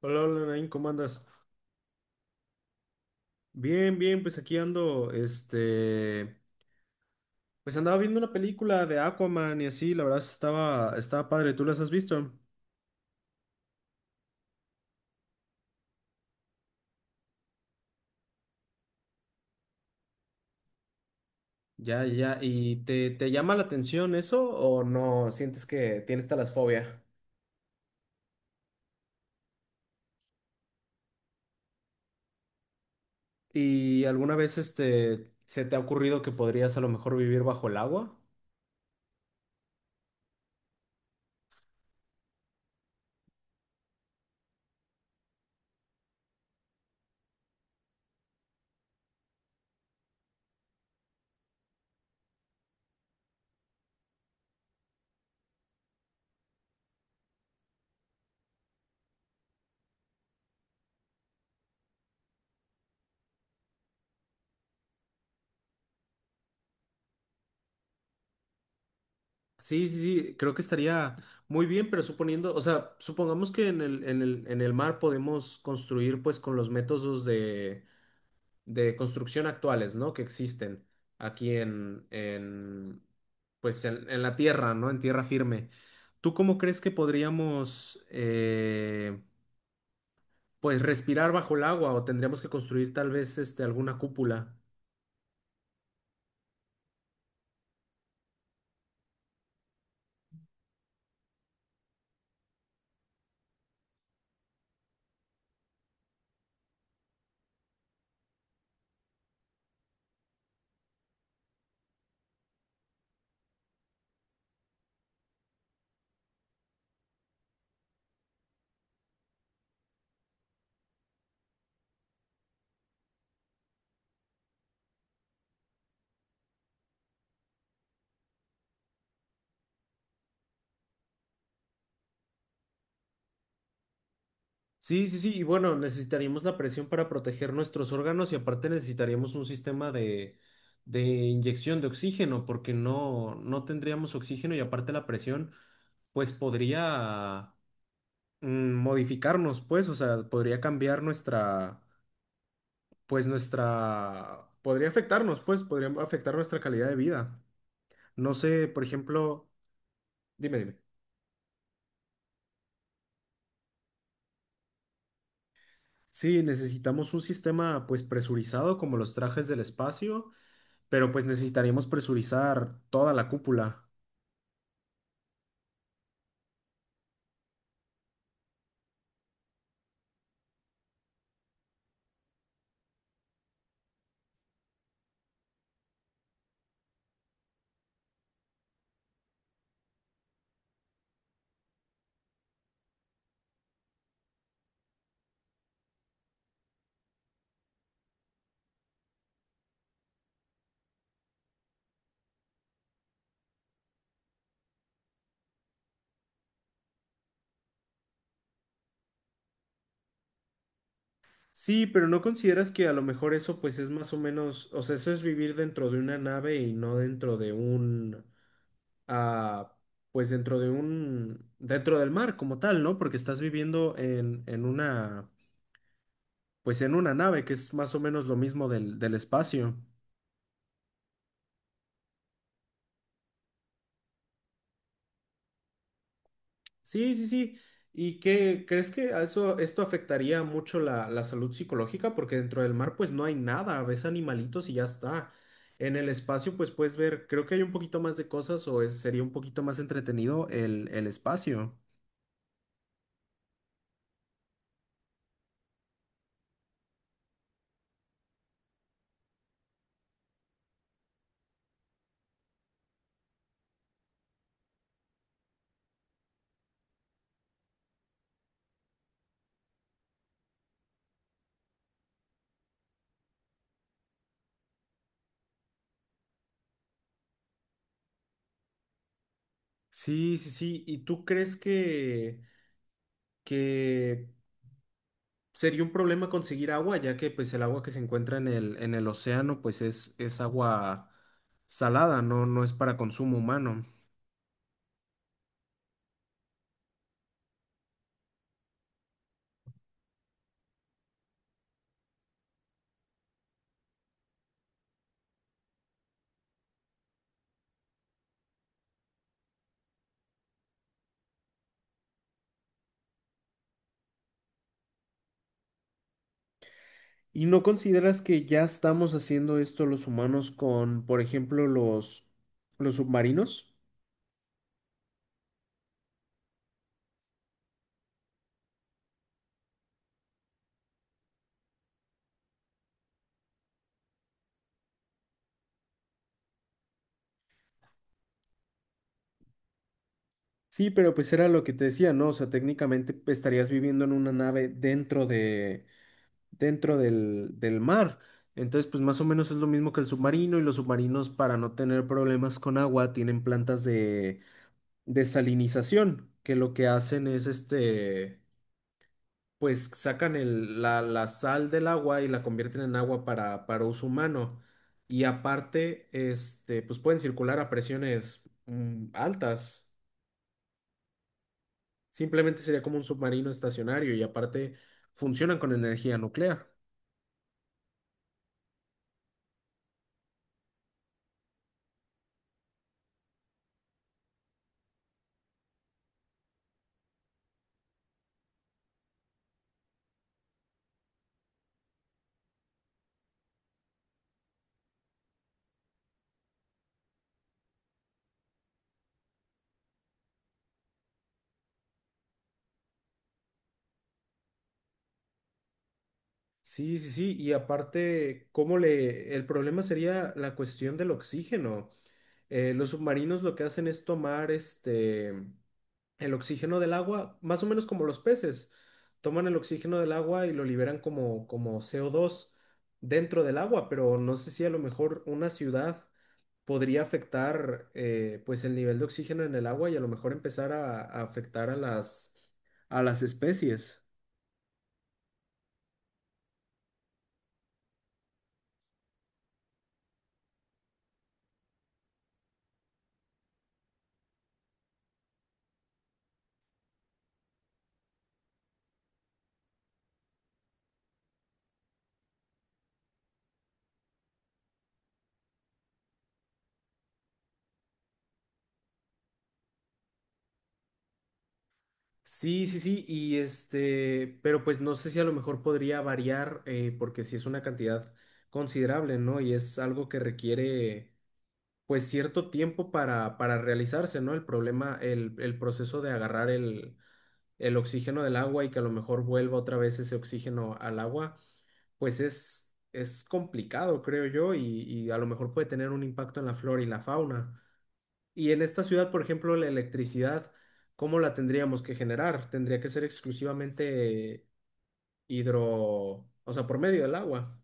Hola, hola, Nain, ¿cómo andas? Bien, bien, pues aquí ando, pues andaba viendo una película de Aquaman y así, la verdad estaba padre. ¿Tú las has visto? Ya, ya, ¿y te llama la atención eso o no sientes que tienes talasfobia? ¿Y alguna vez, se te ha ocurrido que podrías a lo mejor vivir bajo el agua? Sí, sí, sí, creo que estaría muy bien, pero suponiendo, o sea, supongamos que en el mar podemos construir pues con los métodos de construcción actuales, ¿no? Que existen en pues en la tierra, ¿no? En tierra firme. ¿Tú cómo crees que podríamos, pues, respirar bajo el agua o tendríamos que construir tal vez este, alguna cúpula? Sí, sí, sí, y bueno, necesitaríamos la presión para proteger nuestros órganos y aparte necesitaríamos un sistema de inyección de oxígeno porque no tendríamos oxígeno y aparte la presión, pues podría modificarnos, pues, o sea, podría cambiar pues nuestra, podría afectarnos, pues, podría afectar nuestra calidad de vida. No sé, por ejemplo, dime, dime. Sí, necesitamos un sistema, pues, presurizado como los trajes del espacio, pero pues necesitaríamos presurizar toda la cúpula. Sí, pero ¿no consideras que a lo mejor eso, pues, es más o menos, o sea, eso es vivir dentro de una nave y no dentro de un a, pues dentro del mar como tal, ¿no? Porque estás viviendo en una, pues en una nave, que es más o menos lo mismo del espacio. Sí, sí, sí. ¿Y qué crees que a eso, esto afectaría mucho la salud psicológica? Porque dentro del mar, pues no hay nada, ves animalitos y ya está. En el espacio, pues puedes ver, creo que hay un poquito más de cosas o es- sería un poquito más entretenido el espacio. Sí, sí, sí. ¿Y tú crees que sería un problema conseguir agua, ya que pues el agua que se encuentra en el océano pues es agua salada? No, no es para consumo humano. ¿Y no consideras que ya estamos haciendo esto los humanos con, por ejemplo, los submarinos? Sí, pero pues era lo que te decía, ¿no? O sea, técnicamente pues, estarías viviendo en una nave dentro del mar. Entonces, pues más o menos es lo mismo que el submarino, y los submarinos para no tener problemas con agua tienen plantas de desalinización, que lo que hacen es este, pues sacan el- la sal del agua y la convierten en agua para uso humano. Y aparte, este, pues pueden circular a presiones altas. Simplemente sería como un submarino estacionario, y aparte funcionan con energía nuclear. Sí, sí, sí. Y aparte, ¿cómo le... El problema sería la cuestión del oxígeno. Los submarinos lo que hacen es tomar este el oxígeno del agua, más o menos como los peces, toman el oxígeno del agua y lo liberan como CO2 dentro del agua, pero no sé si a lo mejor una ciudad podría afectar pues el nivel de oxígeno en el agua y a lo mejor empezar a afectar a a las especies. Sí, sí, sí, y este, pero pues no sé si a lo mejor podría variar, porque si es una cantidad considerable, ¿no? Y es algo que requiere pues cierto tiempo para realizarse, ¿no? El problema, el proceso de agarrar el oxígeno del agua y que a lo mejor vuelva otra vez ese oxígeno al agua, pues es complicado, creo yo, y a lo mejor puede tener un impacto en la flora y la fauna. Y en esta ciudad, por ejemplo, la electricidad, ¿cómo la tendríamos que generar? Tendría que ser exclusivamente hidro, o sea, por medio del agua.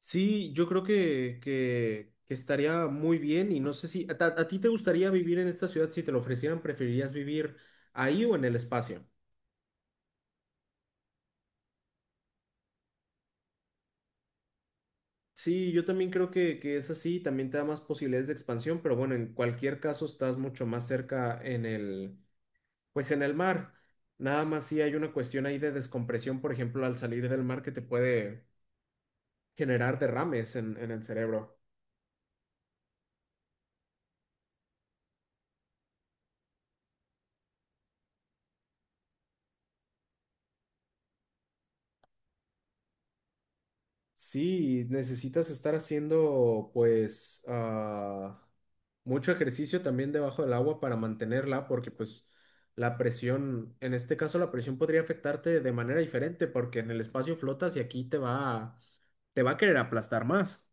Sí, yo creo que estaría muy bien, y no sé si a, ta- a ti te gustaría vivir en esta ciudad. Si te lo ofrecieran, ¿preferirías vivir ahí o en el espacio? Sí, yo también creo que es así, también te da más posibilidades de expansión, pero bueno, en cualquier caso estás mucho más cerca pues en el mar. Nada más si hay una cuestión ahí de descompresión, por ejemplo, al salir del mar que te puede generar derrames en el cerebro. Sí, necesitas estar haciendo pues mucho ejercicio también debajo del agua para mantenerla porque pues la presión, en este caso la presión podría afectarte de manera diferente porque en el espacio flotas y aquí te va a querer aplastar más.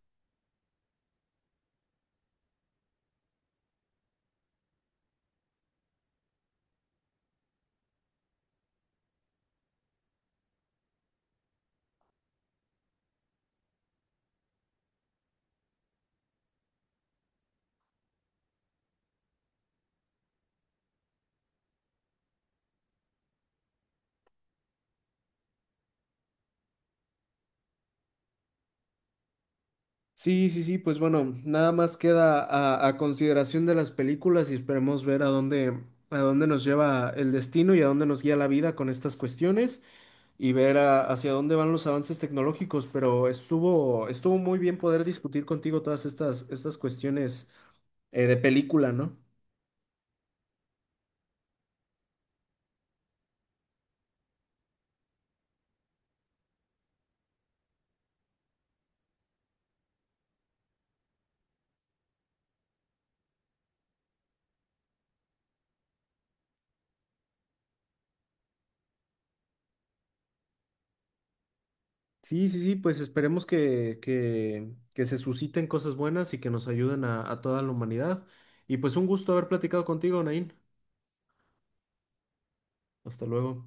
Sí, sí, sí, pues bueno, nada más queda a consideración de las películas y esperemos ver a dónde nos lleva el destino y a dónde nos guía la vida con estas cuestiones, y ver a- hacia dónde van los avances tecnológicos, pero estuvo muy bien poder discutir contigo todas estas cuestiones de película, ¿no? Sí, sí, sí, pues esperemos que se susciten cosas buenas y que nos ayuden a toda la humanidad. Y pues un gusto haber platicado contigo, Nain. Hasta luego.